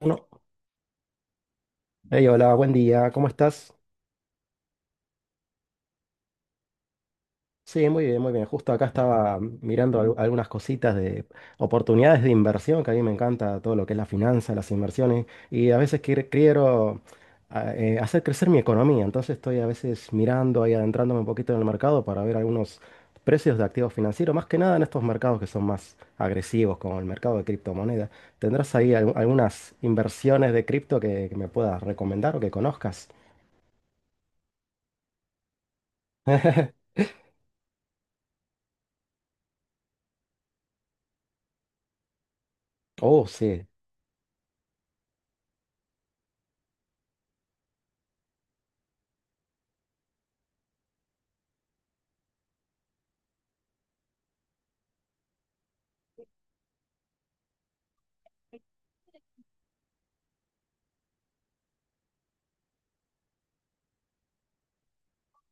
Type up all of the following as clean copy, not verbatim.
Uno. Hey, hola, buen día, ¿cómo estás? Sí, muy bien, muy bien. Justo acá estaba mirando algunas cositas de oportunidades de inversión, que a mí me encanta todo lo que es la finanza, las inversiones, y a veces quiero hacer crecer mi economía, entonces estoy a veces mirando y adentrándome un poquito en el mercado para ver algunos precios de activos financieros, más que nada en estos mercados que son más agresivos, como el mercado de criptomonedas. ¿Tendrás ahí algunas inversiones de cripto que me puedas recomendar o que conozcas? Oh, sí.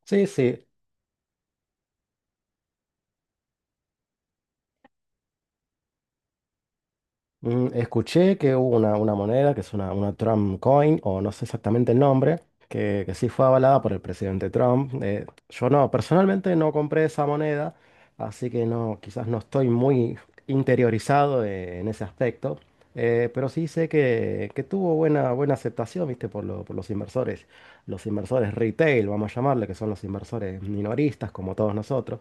Sí, sí. Mm, escuché que hubo una moneda que es una Trump coin, o no sé exactamente el nombre, que sí fue avalada por el presidente Trump. Yo no, personalmente no compré esa moneda, así que no, quizás no estoy muy interiorizado en ese aspecto. Pero sí sé que tuvo buena, buena aceptación, ¿viste? Por los inversores retail, vamos a llamarle, que son los inversores minoristas, como todos nosotros.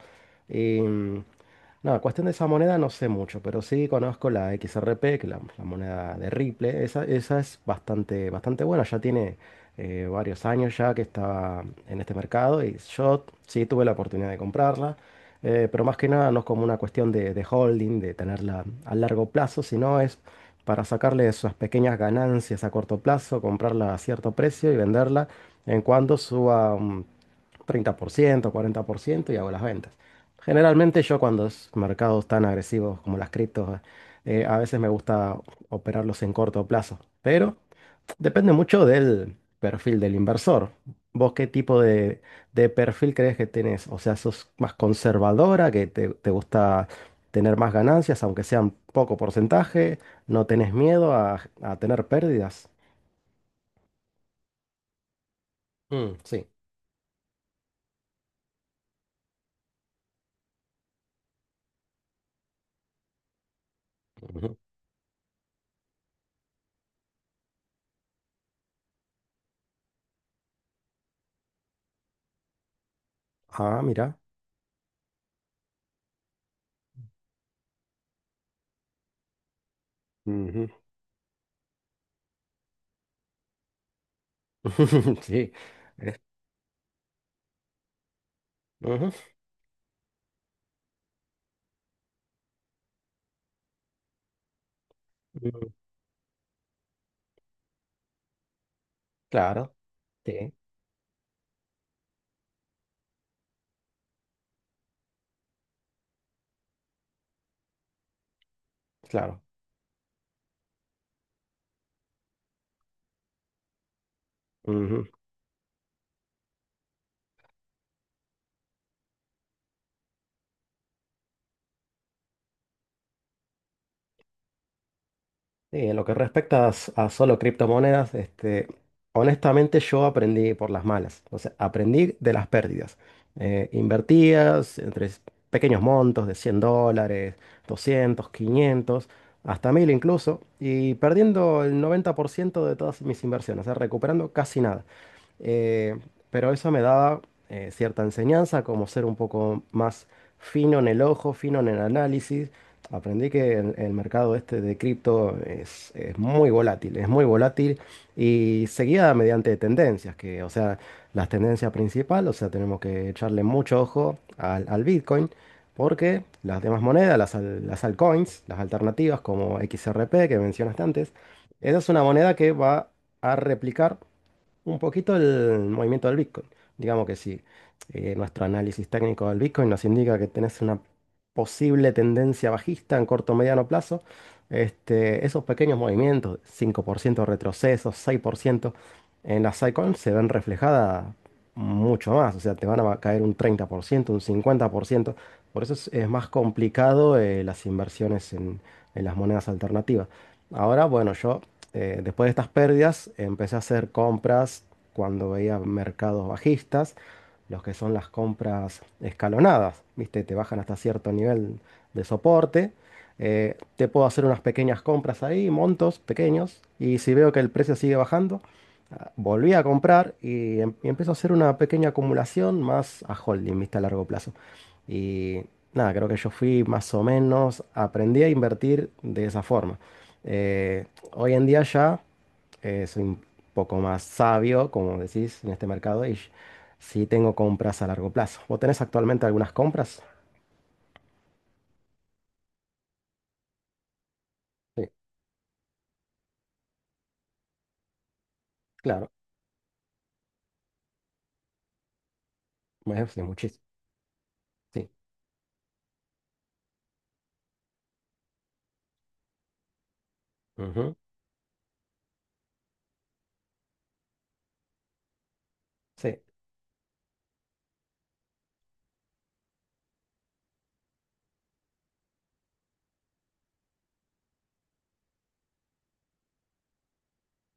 No, cuestión de esa moneda no sé mucho, pero sí conozco la XRP, que es la moneda de Ripple. Esa es bastante, bastante buena, ya tiene varios años ya que está en este mercado y yo sí tuve la oportunidad de comprarla, pero más que nada no es como una cuestión de holding, de tenerla a largo plazo, sino es para sacarle esas pequeñas ganancias a corto plazo, comprarla a cierto precio y venderla en cuanto suba un 30%, 40% y hago las ventas. Generalmente yo cuando es mercados tan agresivos como las criptos, a veces me gusta operarlos en corto plazo, pero depende mucho del perfil del inversor. ¿Vos qué tipo de perfil crees que tenés? O sea, ¿sos más conservadora, que te gusta tener más ganancias, aunque sean poco porcentaje? ¿No tenés miedo a tener pérdidas? Mm, sí. Ujú. Ah, mira. Ujú. Sí. Mm, claro, sí, claro. Ujú. Sí, en lo que respecta a, a solo criptomonedas, honestamente yo aprendí por las malas, o sea, aprendí de las pérdidas. Invertías entre pequeños montos de $100, 200, 500, hasta 1000 incluso, y perdiendo el 90% de todas mis inversiones, o sea, recuperando casi nada. Eh, pero eso me daba cierta enseñanza, como ser un poco más fino en el ojo, fino en el análisis. Aprendí que el mercado este de cripto es muy volátil y seguida mediante tendencias, que, o sea, las tendencias principales, o sea, tenemos que echarle mucho ojo al Bitcoin, porque las demás monedas, las altcoins, las alternativas como XRP que mencionaste antes, esa es una moneda que va a replicar un poquito el movimiento del Bitcoin. Digamos que si nuestro análisis técnico del Bitcoin nos indica que tenés una posible tendencia bajista en corto o mediano plazo, esos pequeños movimientos, 5% retrocesos, 6%, en las altcoins se ven reflejadas mucho más. O sea, te van a caer un 30%, un 50%. Por ciento. Por eso es más complicado las inversiones en las monedas alternativas. Ahora, bueno, yo después de estas pérdidas, empecé a hacer compras cuando veía mercados bajistas, los que son las compras escalonadas, ¿viste? Te bajan hasta cierto nivel de soporte. Te puedo hacer unas pequeñas compras ahí, montos pequeños, y si veo que el precio sigue bajando, volví a comprar y empiezo a hacer una pequeña acumulación más a holding, ¿viste? A largo plazo. Y nada, creo que yo fui más o menos, aprendí a invertir de esa forma. Eh, Hoy en día ya soy un poco más sabio, como decís, en este mercado y sí tengo compras a largo plazo. ¿Vos tenés actualmente algunas compras? Sí, claro, bueno, sí, muchísimo. Sí, ujú, sí,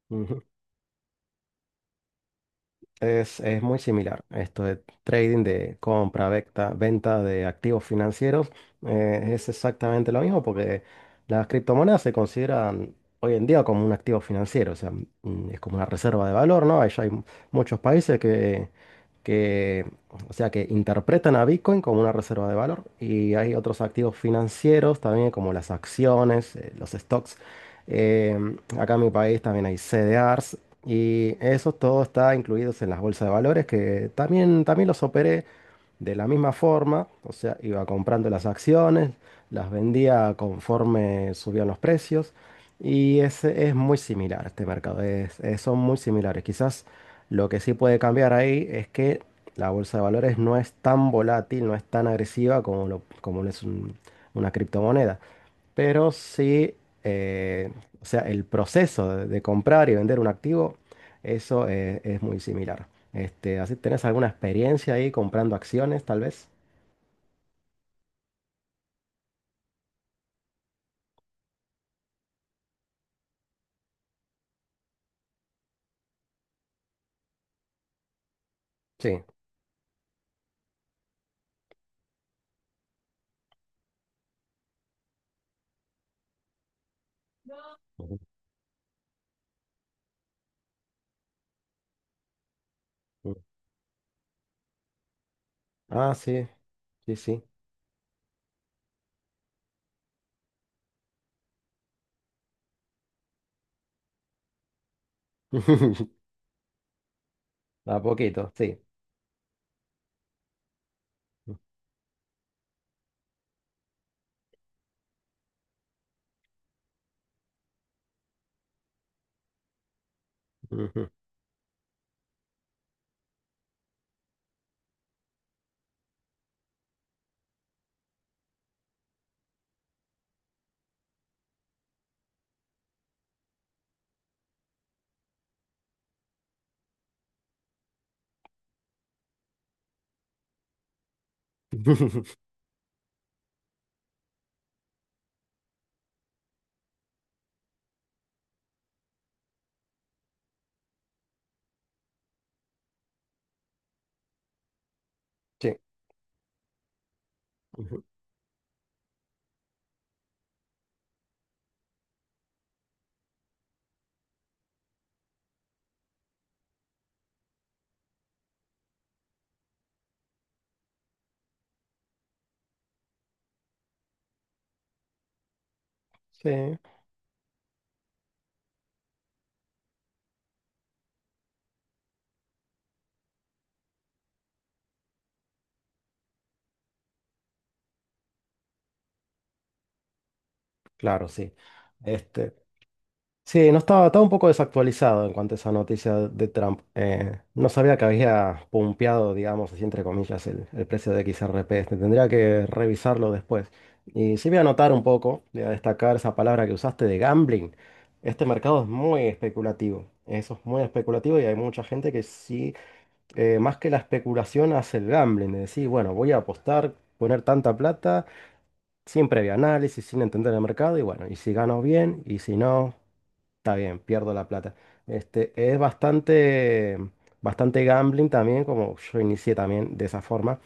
ujú. Es muy similar. Esto de trading, de compra, venta, venta de activos financieros, es exactamente lo mismo porque las criptomonedas se consideran hoy en día como un activo financiero, o sea, mm, es como una reserva de valor, ¿no? Ya hay muchos países que, o sea, que interpretan a Bitcoin como una reserva de valor y hay otros activos financieros también como las acciones, los stocks. Eh, Acá en mi país también hay CDRs, y eso todo está incluido en las bolsas de valores que también, también los operé de la misma forma. O sea, iba comprando las acciones, las vendía conforme subían los precios. Y ese es muy similar este mercado. Son muy similares. Quizás lo que sí puede cambiar ahí es que la bolsa de valores no es tan volátil, no es tan agresiva como, como lo es una criptomoneda. Pero sí, eh, o sea, el proceso de comprar y vender un activo, eso es muy similar. Así, ¿tenés alguna experiencia ahí comprando acciones, tal vez? Sí. Ujú. Ujú. Ah, sí, sí, sí. A poquito, sí. Ujú. Sí. Ujú. Sí, claro, sí. Este, Sí, no estaba, estaba un poco desactualizado en cuanto a esa noticia de Trump. No sabía que había pumpeado, digamos, así entre comillas, el precio de XRP. Tendría que revisarlo después. Y sí voy a anotar un poco, voy a destacar esa palabra que usaste de gambling. Este mercado es muy especulativo. Eso es muy especulativo y hay mucha gente que sí, más que la especulación, hace el gambling. De decir, bueno, voy a apostar, poner tanta plata sin previo análisis, sin entender el mercado, y bueno, y si gano bien, y si no, está bien, pierdo la plata. Es bastante, bastante gambling también, como yo inicié también de esa forma.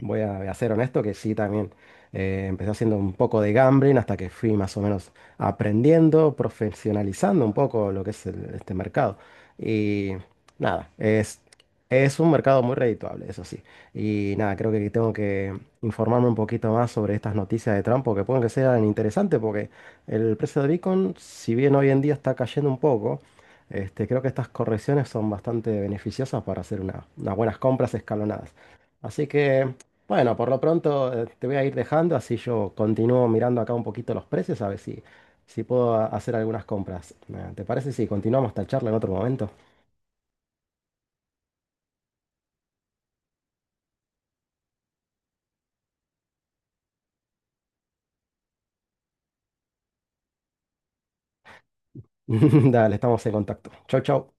Voy a ser honesto que sí, también. Empecé haciendo un poco de gambling hasta que fui más o menos aprendiendo, profesionalizando un poco lo que es este mercado. Y nada, es un mercado muy redituable, eso sí. Y nada, creo que tengo que informarme un poquito más sobre estas noticias de Trump, porque pueden que sean interesantes, porque el precio de Bitcoin, si bien hoy en día está cayendo un poco, creo que estas correcciones son bastante beneficiosas para hacer unas buenas compras escalonadas. Así que bueno, por lo pronto te voy a ir dejando, así yo continúo mirando acá un poquito los precios, a ver si, si puedo hacer algunas compras. ¿Te parece si continuamos esta charla en otro momento? Dale, estamos en contacto. Chau, chau.